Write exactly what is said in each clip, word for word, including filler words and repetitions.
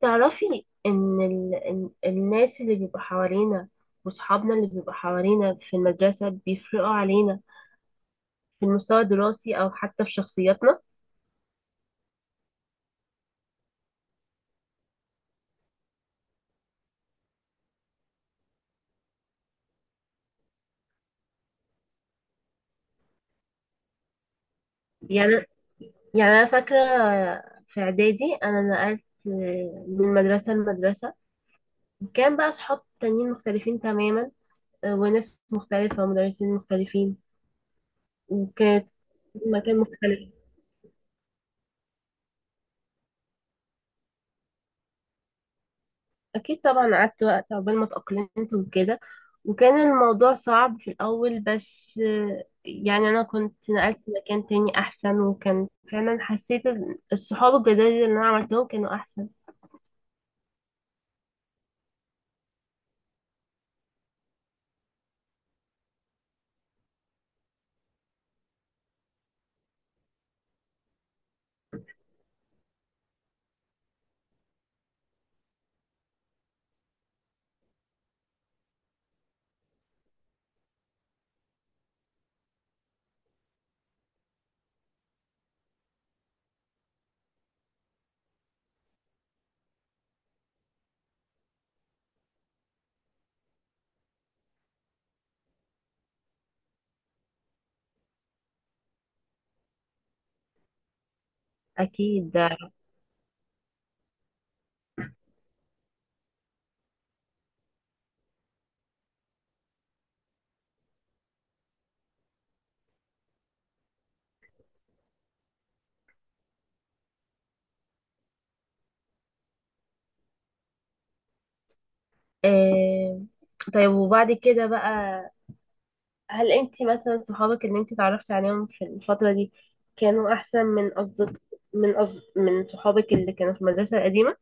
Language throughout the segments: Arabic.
تعرفي ان ال... ال- الناس اللي بيبقوا حوالينا وصحابنا اللي بيبقوا حوالينا في المدرسة بيفرقوا علينا في المستوى الدراسي او حتى في شخصياتنا. يعني يعني انا فاكرة في اعدادي انا نقلت من مدرسة لمدرسة، كان بقى صحاب تانيين مختلفين تماما، آه، وناس مختلفة ومدرسين مختلفين، وكانت مكان مختلف. اكيد طبعا قعدت وقت عقبال ما اتأقلمت وكده، وكان الموضوع صعب في الاول، بس آه، يعني انا كنت نقلت مكان تاني احسن، وكان فعلا حسيت ال- الصحاب الجداد اللي انا عملتهم كانوا احسن. اكيد، آه. طيب وبعد كده بقى، هل انت مثلا صحابك اللي انت اتعرفتي عليهم في الفترة دي كانوا احسن من أصدق من أصد... من صحابك اللي كانوا في المدرسة القديمة؟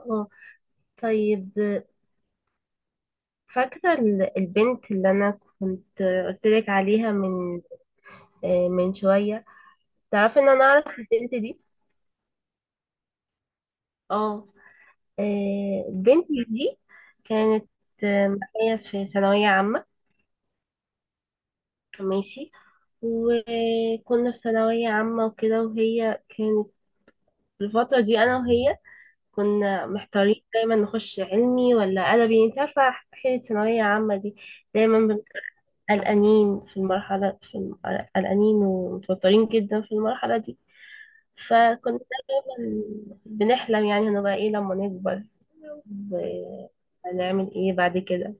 اه. طيب، فاكرة ال- البنت اللي أنا كنت قلتلك عليها من آه، من شوية؟ تعرفي إن أنا أعرف البنت دي. اه. آه، البنت دي كانت آه، معايا في ثانوية عامة. ماشي. وكنا في ثانوية عامة وكده، وهي كانت في الفترة دي أنا وهي كنا محتارين دايما نخش علمي ولا أدبي، انت عارفة، حين الثانوية عامة دي دايما بنبقى قلقانين في المرحلة في الم- قلقانين ومتوترين جدا في المرحلة دي. فكنا دايما بنحلم يعني هنبقى ايه لما نكبر، وهنعمل ايه بعد كده.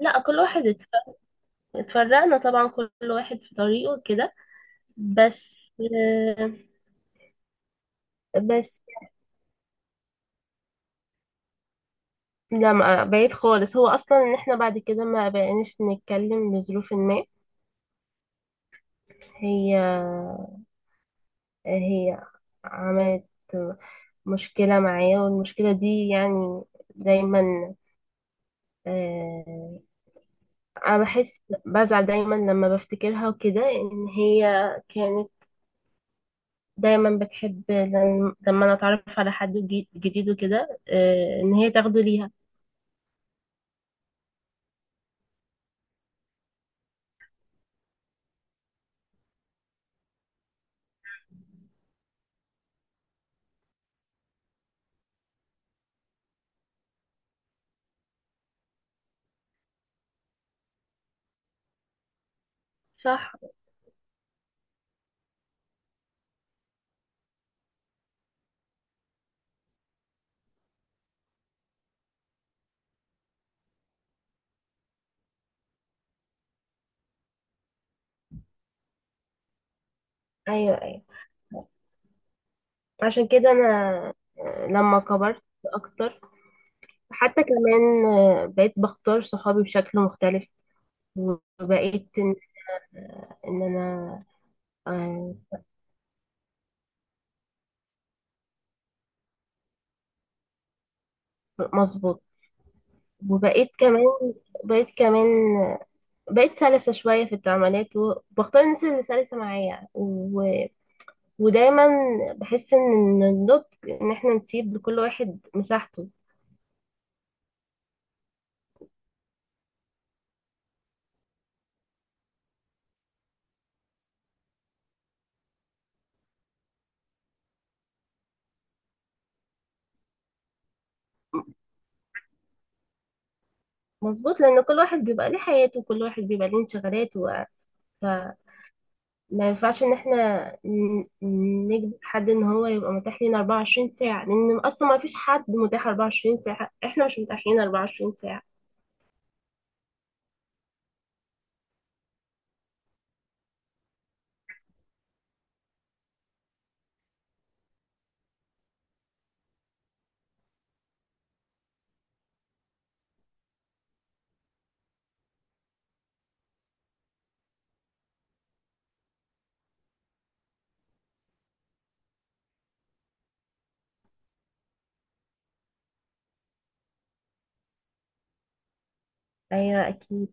لا، كل واحد اتف- اتفرقنا طبعا، كل واحد في طريقه كده بس. آه، بس لا ما- بعيد خالص، هو اصلا ان احنا بعد كده ما بقيناش نتكلم لظروف ما. هي هي عملت مشكلة معايا، والمشكلة دي يعني دايما، آه، انا بحس بزعل دايما لما بفتكرها وكده، ان هي كانت دايما بتحب لم- لما انا اتعرف على حد جي- جديد وكده آه، ان هي تاخده ليها. صح، ايوه ايوه. عشان كده انا آه، لما كبرت اكتر، حتى كمان آه، بقيت بختار صحابي بشكل مختلف، وبقيت ان آه، إن انا آه، مظبوط. وبقيت كمان بقيت كمان بقيت سلسة شوية في التعاملات، وبختار الناس اللي سلسة معايا و... ودايما بحس ان النضج ان احنا نسيب لكل واحد مساحته. مظبوط، لان كل واحد بيبقى ليه حياته، وكل واحد بيبقى ليه انشغالاته، فما ينفعش ان احنا ن- نجبر حد ان هو يبقى متاح لينا أربعة وعشرين ساعة، لان اصلا ما فيش حد متاح أربعة وعشرين ساعة، احنا مش متاحين أربعة وعشرين ساعة. ايوه اكيد.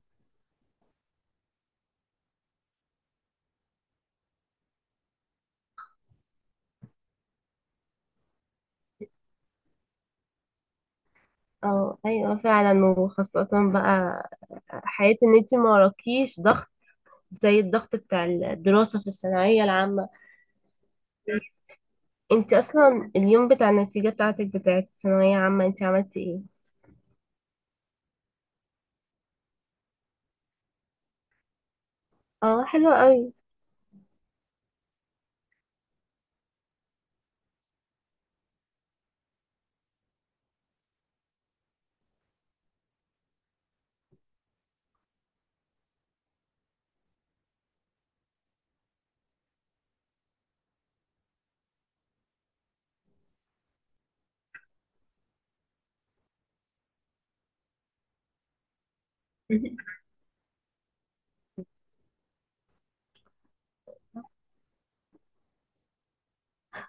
اه ايوه فعلا، وخاصة بقى حياة ان انت ما وراكيش ضغط زي الضغط بتاع الدراسة في الثانوية العامة. انت اصلا اليوم بتاع النتيجة بتاعتك بتاعت الثانوية عامة انت عملتي ايه؟ اه حلوة قوي.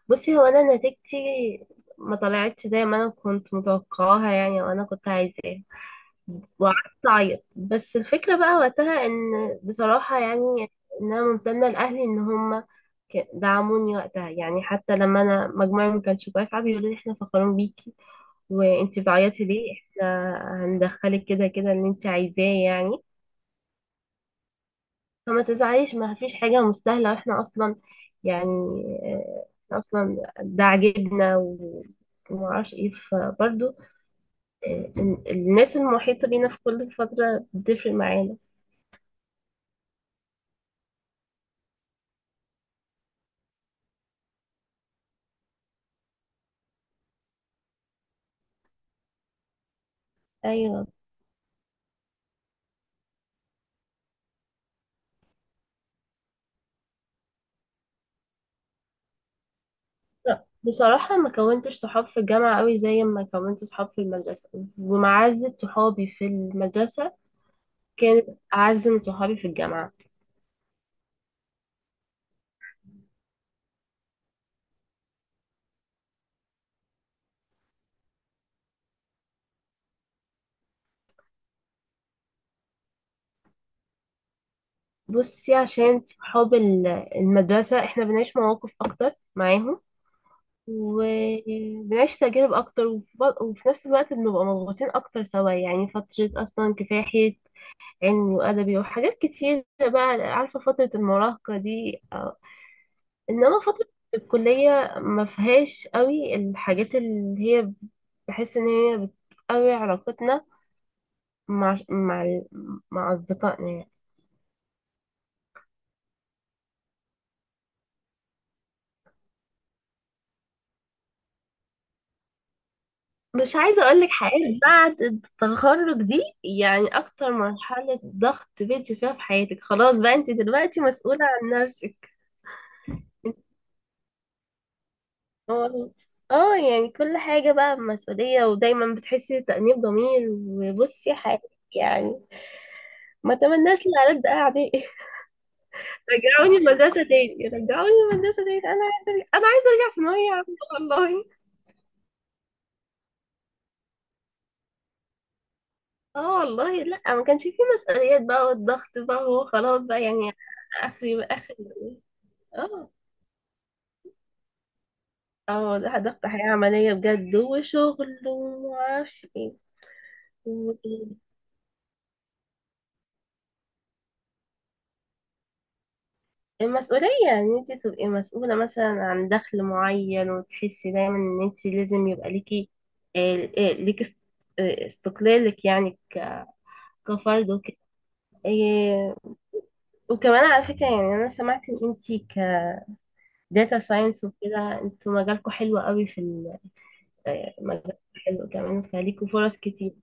بصي هو انا نتيجتي ما طلعتش زي ما انا كنت متوقعاها يعني، وانا كنت عايزاها، وقعدت اعيط. بس الفكرة بقى وقتها ان، بصراحة يعني، ان انا ممتنة لاهلي ان هم دعموني وقتها، يعني حتى لما انا مجموعي ما كانش كويس قعدوا يقولوا لي احنا فخورين بيكي، وانتي بتعيطي ليه؟ احنا هندخلك كده كده اللي انتي عايزاه يعني، فما تزعليش، ما فيش حاجة مستاهلة، واحنا اصلا يعني آه، إحنا اصلا ده عاجبنا و- ومعرفش ايه. فبرضه ال- الناس المحيطة بينا في كل فترة بتفرق معانا. ايوه. لا، بصراحة ما كونتش صحاب في الجامعة قوي زي ما كونت صحاب في المدرسة، ومعزة صحابي في المدرسة كانت أعز من صحابي في الجامعة. بصي، عشان صحاب ال- المدرسة احنا بنعيش مواقف أكتر معاهم، وبنعيش تجارب أكتر، وف- وفي نفس الوقت بنبقى مضغوطين أكتر سوا، يعني فترة أصلا كفاحية، علمي وأدبي وحاجات كتير بقى، عارفة فترة المراهقة دي، آه. إنما فترة الكلية ما فيهاش قوي الحاجات اللي هي بحس إن هي بتقوي علاقتنا مع مع مع أصدقائنا يعني. مش عايزة أقولك حاجات، بعد التخرج دي يعني أكتر مرحلة ضغط بنتي فيها في حياتك، خلاص بقى أنت دلوقتي مسؤولة عن نفسك. هو- اه يعني كل حاجة بقى مسؤولية، ودايما بتحسي بتأنيب ضمير وبصي حياتك يعني ما تمناش لألد أعدائي. رجعوني المدرسة تاني، رجعوني المدرسة تاني، أنا عايزة أرجع، أنا عايزة أرجع ثانوية عامة والله. اه والله لأ، ما كانش فيه مسؤوليات بقى والضغط بقى وخلاص بقى يعني آخري بقى آخر. اه. اه لا، ضغط حياة عملية بجد وشغل ومعرفش ايه. و- المسؤولية ان انت تبقي مسؤولة مثلا عن دخل معين، وتحسي دايما ان انت لازم يبقى ليكي آه، آه، ليكي است- آه، استقلالك يعني ك- كفرد وكده. آه، وكمان على فكرة يعني انا سمعت ان انت كداتا ساينس وكده، انتوا مجالكوا حلو قوي في ال- آه، مجالكوا حلو كمان، فليكوا فرص كتير.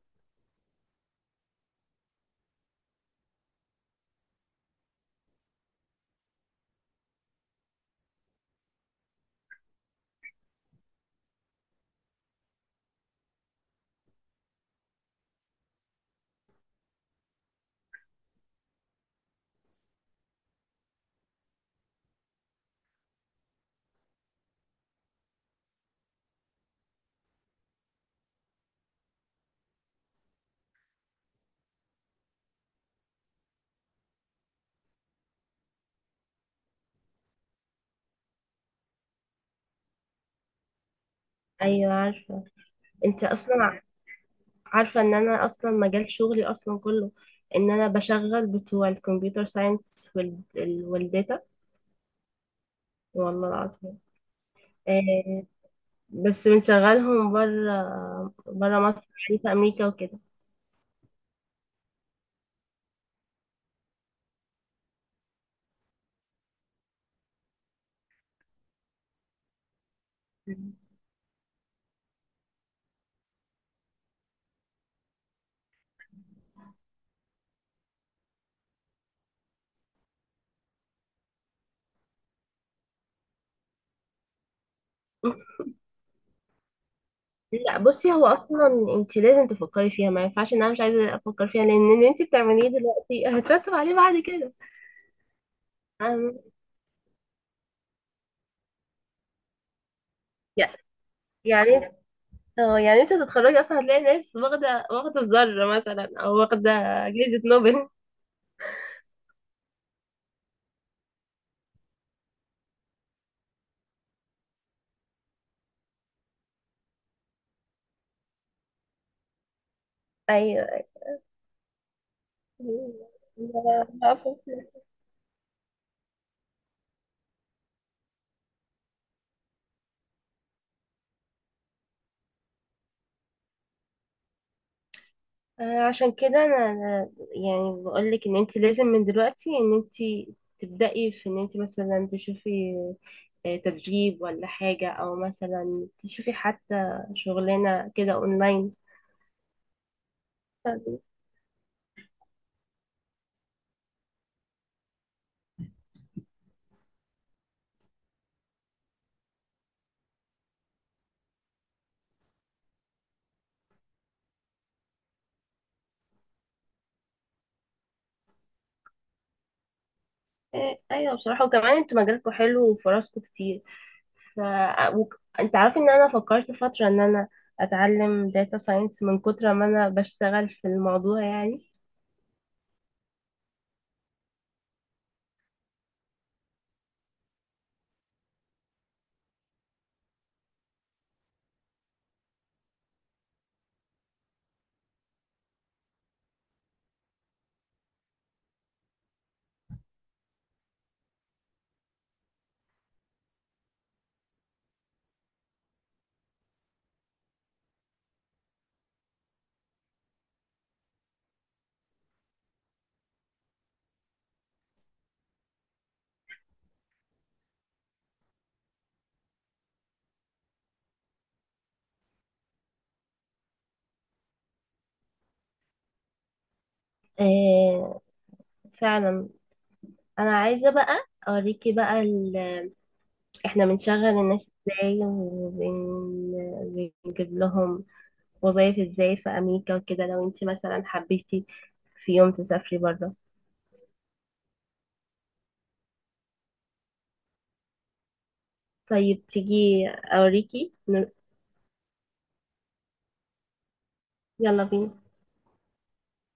ايوه عارفة. انت اصلا عارفة ان انا اصلا مجال شغلي اصلا كله ان انا بشغل بتوع الكمبيوتر ساينس والداتا، والله العظيم. آه، بس بنشغلهم بره، بره مصر يعني، في امريكا وكده. لا بصي، هو اصلا انت لازم تفكري فيها، ما ينفعش ان انا مش عايزه افكر فيها، لان اللي انت بتعمليه دلوقتي هترتب عليه بعد كده، فاهمة؟ يع- يعني اه يعني انت تتخرجي اصلا هتلاقي ناس واخده، واخده الذره مثلا، او واخده جائزه نوبل. ايوه. لا، أفكر. آه، عشان كده انا أنا يعني بقول لك ان انت لازم من دلوقتي ان انت تبدأي في ان انت مثلا تشوفي آه، تدريب ولا حاجة، او مثلا تشوفي حتى شغلانة كده اونلاين. آه، ايوه بصراحة، وكمان انتوا مجالكم حلو وفرصكم كتير. ف آه، وك- انت عارف ان انا فكرت فترة ان انا اتعلم داتا ساينس من كتر ما انا بشتغل في الموضوع يعني. آه، فعلا. انا عايزه بقى اوريكي بقى ال... احنا بنشغل الناس ازاي وبنجيب لهم وظايف ازاي في امريكا وكده، لو انت مثلا حبيتي في يوم تسافري بره. طيب تيجي اوريكي. يلا بينا.